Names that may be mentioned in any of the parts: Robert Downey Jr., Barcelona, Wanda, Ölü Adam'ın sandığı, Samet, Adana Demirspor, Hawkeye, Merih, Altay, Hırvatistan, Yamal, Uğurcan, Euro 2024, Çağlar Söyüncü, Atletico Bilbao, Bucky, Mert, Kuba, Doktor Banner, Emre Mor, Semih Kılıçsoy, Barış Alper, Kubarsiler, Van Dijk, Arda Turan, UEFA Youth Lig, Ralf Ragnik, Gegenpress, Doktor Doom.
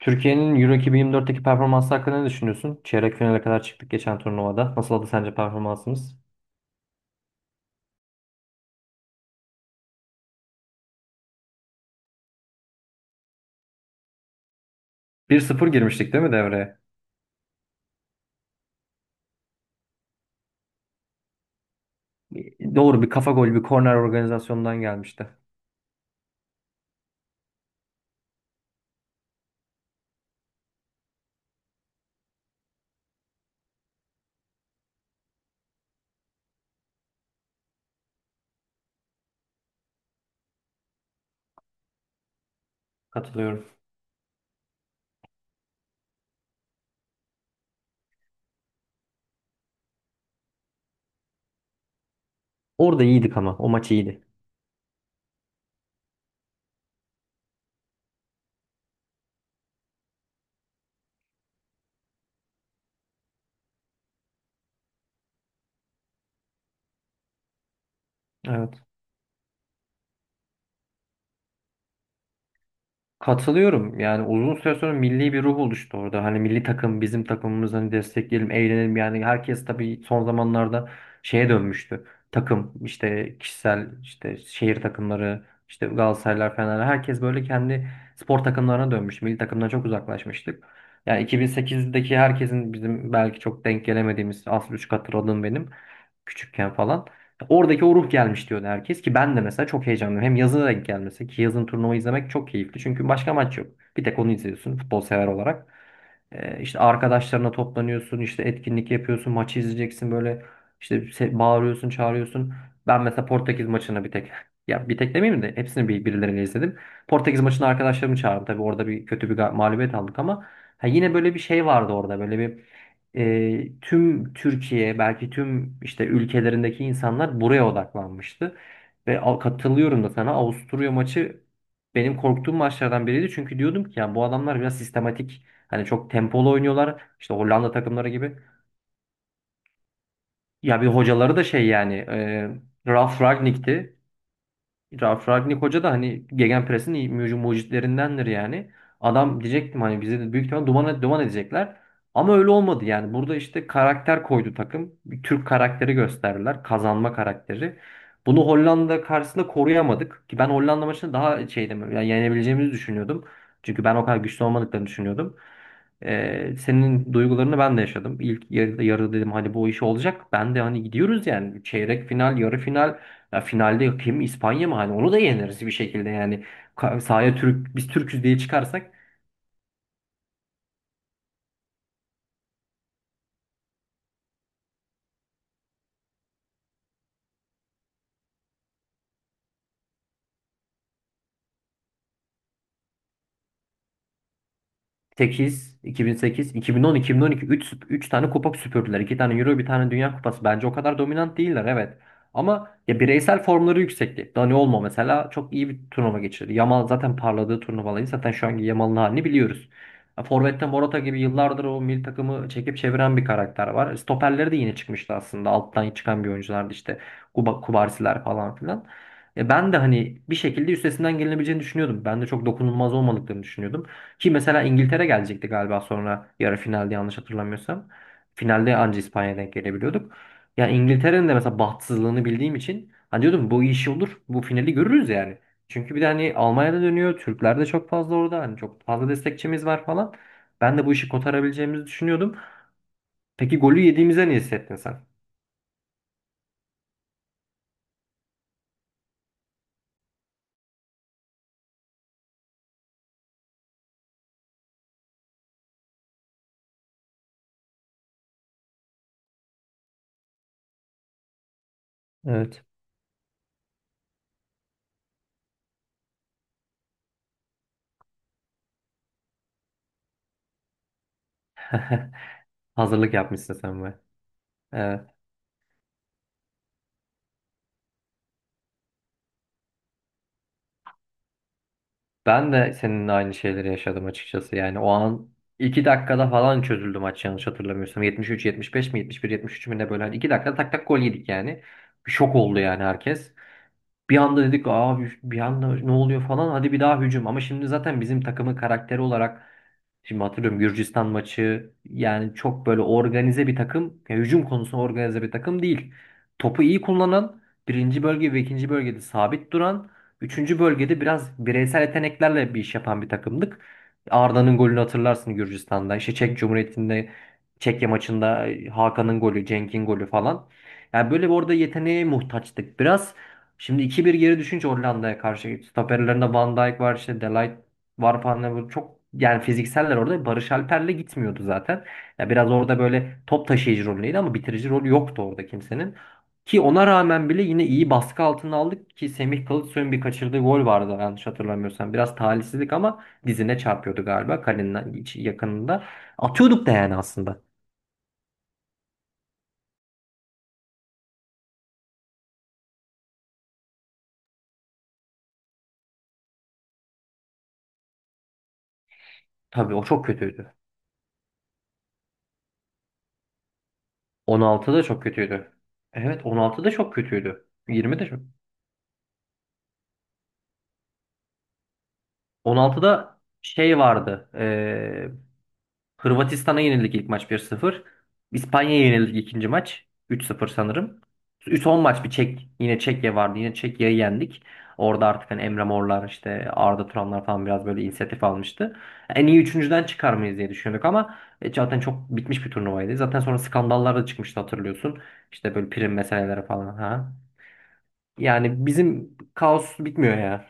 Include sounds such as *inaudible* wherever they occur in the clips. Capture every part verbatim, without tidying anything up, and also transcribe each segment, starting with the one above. Türkiye'nin Euro iki bin yirmi dörtteki performansı hakkında ne düşünüyorsun? Çeyrek finale kadar çıktık geçen turnuvada. Nasıl oldu sence performansımız? Bir sıfır girmiştik, değil mi, devreye? Doğru, bir kafa golü, bir korner organizasyondan gelmişti. Katılıyorum. Orada iyiydik, ama o maç iyiydi. Evet. Katılıyorum. Yani uzun süre sonra milli bir ruh oluştu orada. Hani milli takım bizim takımımız, hani destekleyelim, eğlenelim. Yani herkes tabii son zamanlarda şeye dönmüştü. Takım işte, kişisel işte, şehir takımları işte, Galatasaraylar, Fenerler, herkes böyle kendi spor takımlarına dönmüş. Milli takımdan çok uzaklaşmıştık. Yani iki bin sekizdeki, herkesin bizim belki çok denk gelemediğimiz, az buçuk hatırladığım benim küçükken falan. Oradaki o ruh gelmiş diyordu herkes, ki ben de mesela çok heyecanlıyım. Hem yazına denk gelmesi, ki yazın turnuva izlemek çok keyifli. Çünkü başka maç yok. Bir tek onu izliyorsun futbol sever olarak. Ee, işte arkadaşlarına toplanıyorsun, işte etkinlik yapıyorsun, maçı izleyeceksin, böyle işte se- bağırıyorsun, çağırıyorsun. Ben mesela Portekiz maçını bir tek *laughs* ya bir tek demeyeyim de hepsini bir, birileriyle izledim. Portekiz maçını arkadaşlarımı çağırdım. Tabii orada bir kötü bir ga- mağlubiyet aldık, ama ha, yine böyle bir şey vardı orada. Böyle bir e, tüm Türkiye, belki tüm işte ülkelerindeki insanlar buraya odaklanmıştı. Ve al- katılıyorum da sana. Avusturya maçı benim korktuğum maçlardan biriydi. Çünkü diyordum ki ya bu adamlar biraz sistematik, hani çok tempolu oynuyorlar işte, Hollanda takımları gibi. Ya bir hocaları da şey yani, e, Ralf Ragnik'ti. Ralf Ragnik Hoca da hani Gegenpress'in iyi muci- mucitlerindendir yani. Adam, diyecektim hani bize de büyük ihtimal duman, duman edecekler. Ama öyle olmadı yani. Burada işte karakter koydu takım. Bir Türk karakteri gösterdiler. Kazanma karakteri. Bunu Hollanda karşısında koruyamadık. Ki ben Hollanda maçını daha şeydim. Yani yenebileceğimizi düşünüyordum. Çünkü ben o kadar güçlü olmadıklarını düşünüyordum. Ee, senin duygularını ben de yaşadım. İlk yarıda, yarı dedim hani bu iş olacak. Ben de hani gidiyoruz yani. Çeyrek final, yarı final. Ya finalde kim, İspanya mı? Hani onu da yeneriz bir şekilde yani. Ka- Sahaya Türk, biz Türküz diye çıkarsak. sekiz, iki bin sekiz, iki bin on, iki bin on iki, üç üç tane kupa süpürdüler. İki tane Euro, bir tane Dünya Kupası. Bence o kadar dominant değiller, evet. Ama ya bireysel formları yüksekti. Dani Olmo mesela çok iyi bir turnuva geçirdi. Yamal zaten parladığı turnuvaları, zaten şu anki Yamal'ın halini biliyoruz. Ya forvette Morata gibi yıllardır o milli takımı çekip çeviren bir karakter var. E, Stoperleri de yine çıkmıştı aslında. Alttan çıkan bir oyunculardı işte. Kuba, Kubarsiler falan filan. E ben de hani bir şekilde üstesinden gelinebileceğini düşünüyordum. Ben de çok dokunulmaz olmadıklarını düşünüyordum. Ki mesela İngiltere gelecekti galiba sonra yarı finalde, yanlış hatırlamıyorsam. Finalde anca İspanya'ya denk gelebiliyorduk. Yani İngiltere'nin de mesela bahtsızlığını bildiğim için hani diyordum bu iş olur. Bu finali görürüz yani. Çünkü bir de hani Almanya'da dönüyor. Türkler de çok fazla orada. Hani çok fazla destekçimiz var falan. Ben de bu işi kotarabileceğimizi düşünüyordum. Peki golü yediğimize ne hissettin sen? Evet. *laughs* Hazırlık yapmışsın sen be. Ben de seninle aynı şeyleri yaşadım açıkçası. Yani o an iki dakikada falan çözüldü maç, yanlış hatırlamıyorsam. yetmiş üç yetmiş beş mi, yetmiş bir yetmiş üç mü, ne böyle. Hani iki dakikada tak tak gol yedik yani. Bir şok oldu yani herkes. Bir anda dedik abi, bir anda ne oluyor falan, hadi bir daha hücum. Ama şimdi zaten bizim takımın karakteri olarak, şimdi hatırlıyorum Gürcistan maçı, yani çok böyle organize bir takım, ya hücum konusunda organize bir takım değil. Topu iyi kullanan, birinci bölge ve ikinci bölgede sabit duran, üçüncü bölgede biraz bireysel yeteneklerle bir iş yapan bir takımdık. Arda'nın golünü hatırlarsın Gürcistan'da. İşte Çek Cumhuriyeti'nde, Çekya maçında, Hakan'ın golü, Cenk'in golü falan. Yani böyle bir, orada yeteneğe muhtaçtık biraz. Şimdi iki bir geri düşünce Hollanda'ya karşı, stoperlerinde Van Dijk var, işte Delight var falan. Yani bu çok, yani fizikseller orada Barış Alper'le gitmiyordu zaten. Ya biraz orada böyle top taşıyıcı rolüydü, ama bitirici rolü yoktu orada kimsenin. Ki ona rağmen bile yine iyi baskı altına aldık, ki Semih Kılıçsoy'un bir kaçırdığı gol vardı, yanlış hatırlamıyorsam. Biraz talihsizlik, ama dizine çarpıyordu galiba, kalenin iç- yakınında. Atıyorduk da yani aslında. Tabii o çok kötüydü. on altıda çok kötüydü. Evet, on altıda çok kötüydü. yirmide çok. on altıda şey vardı. eee, Hırvatistan'a yenildik ilk maç bir sıfır. İspanya'ya yenildik ikinci maç, üç sıfır sanırım. üç on maç bir Çek. Yine Çekya vardı. Yine Çekya'yı yendik. Orada artık hani Emre Morlar, işte Arda Turanlar falan biraz böyle inisiyatif almıştı. En iyi üçüncüden çıkar mıyız diye düşünüyorduk, ama e, zaten çok bitmiş bir turnuvaydı. Zaten sonra skandallar da çıkmıştı, hatırlıyorsun. İşte böyle prim meseleleri falan. Ha. Yani bizim kaos bitmiyor ya.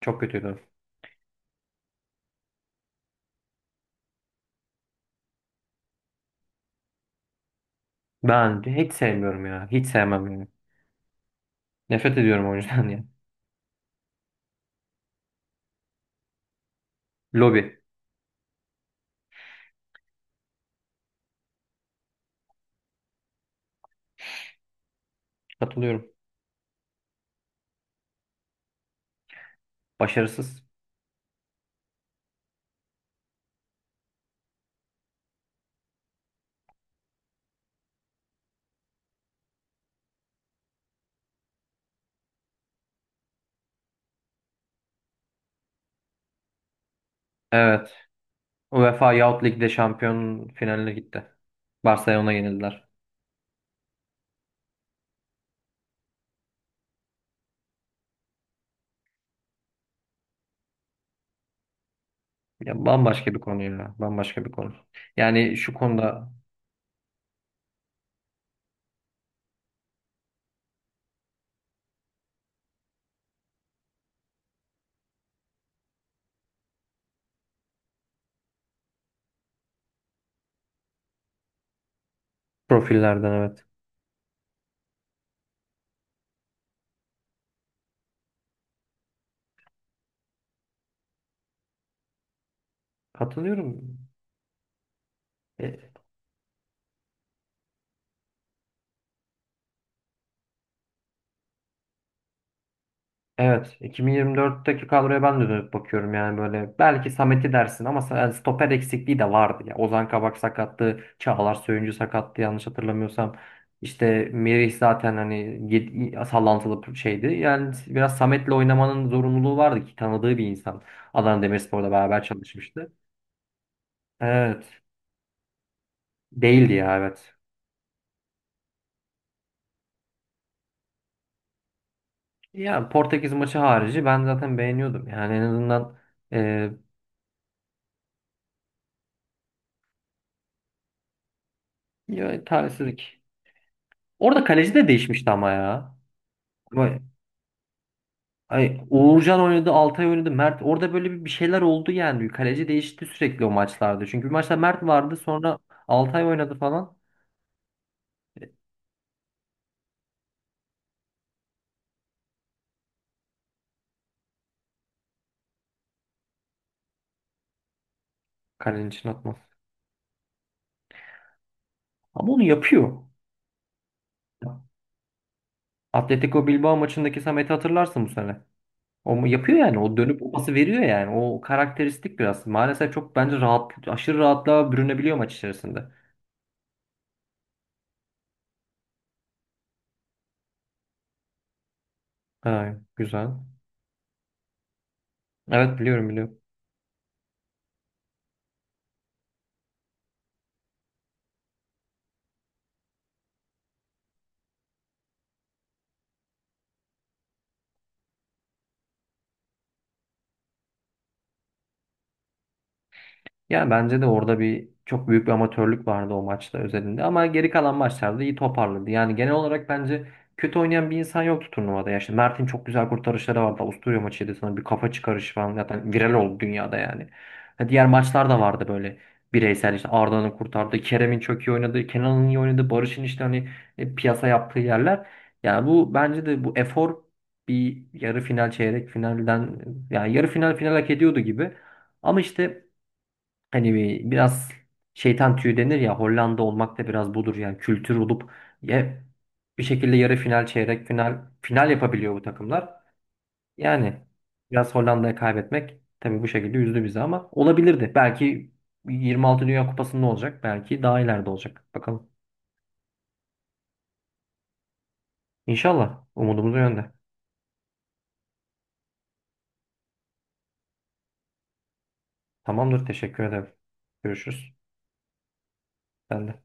Çok kötüydü. Ben hiç sevmiyorum ya. Hiç sevmem yani. Nefret ediyorum o yüzden *laughs* yani. Lobi. Katılıyorum. Başarısız. Evet. UEFA Youth Lig'de şampiyon finaline gitti. Barcelona yenildiler. Ya bambaşka bir konu ya. Bambaşka bir konu. Yani şu konuda profillerden, evet. Katılıyorum. E, Evet, iki bin yirmi dörtteki kadroya ben de dönüp bakıyorum, yani böyle belki Samet'i dersin, ama sa- yani stoper eksikliği de vardı ya. Ozan Kabak sakattı, Çağlar Söyüncü sakattı, yanlış hatırlamıyorsam. İşte Merih zaten hani yed- sallantılı bir şeydi. Yani biraz Samet'le oynamanın zorunluluğu vardı, ki tanıdığı bir insan. Adana Demirspor'da beraber çalışmıştı. Evet, değildi ya, evet. Yani Portekiz maçı harici ben zaten beğeniyordum. Yani en azından e, ya, talihsizlik. Orada kaleci de değişmişti ama ya. Vay. Ay, Uğurcan oynadı, Altay oynadı, Mert. Orada böyle bir bir şeyler oldu yani. Kaleci değişti sürekli o maçlarda. Çünkü bir maçta Mert vardı, sonra Altay oynadı falan. Kalenin için atmaz. Ama onu yapıyor. Atletico Bilbao maçındaki Samet'i hatırlarsın bu sene. O mu- yapıyor yani. O dönüp o pası veriyor yani. O karakteristik biraz. Maalesef çok bence rahat, aşırı rahatlığa bürünebiliyor maç içerisinde. Ha, güzel. Evet, biliyorum, biliyorum. Ya bence de orada bir, çok büyük bir amatörlük vardı o maçta özelinde, ama geri kalan maçlarda iyi toparladı. Yani genel olarak bence kötü oynayan bir insan yoktu turnuvada. Ya işte Mert'in çok güzel kurtarışları vardı. Avusturya maçıydı sana, bir kafa çıkarışı falan, zaten viral oldu dünyada yani. Ha, diğer maçlar da vardı böyle bireysel, işte Arda'nın kurtardığı, Kerem'in çok iyi oynadığı, Kenan'ın iyi oynadığı, Barış'ın işte hani e, piyasa yaptığı yerler. Yani bu bence de bu efor, bir yarı final, çeyrek finalden, yani yarı final, final hak ediyordu gibi. Ama işte, hani bir- biraz şeytan tüyü denir ya, Hollanda olmak da biraz budur yani, kültür olup ya bir şekilde yarı final, çeyrek final, final yapabiliyor bu takımlar. Yani biraz Hollanda'ya kaybetmek tabii bu şekilde üzdü bizi, ama olabilirdi. Belki yirmi altı Dünya Kupası'nda olacak. Belki daha ileride olacak. Bakalım. İnşallah, umudumuz o yönde. Tamamdır. Teşekkür ederim. Görüşürüz. Ben de.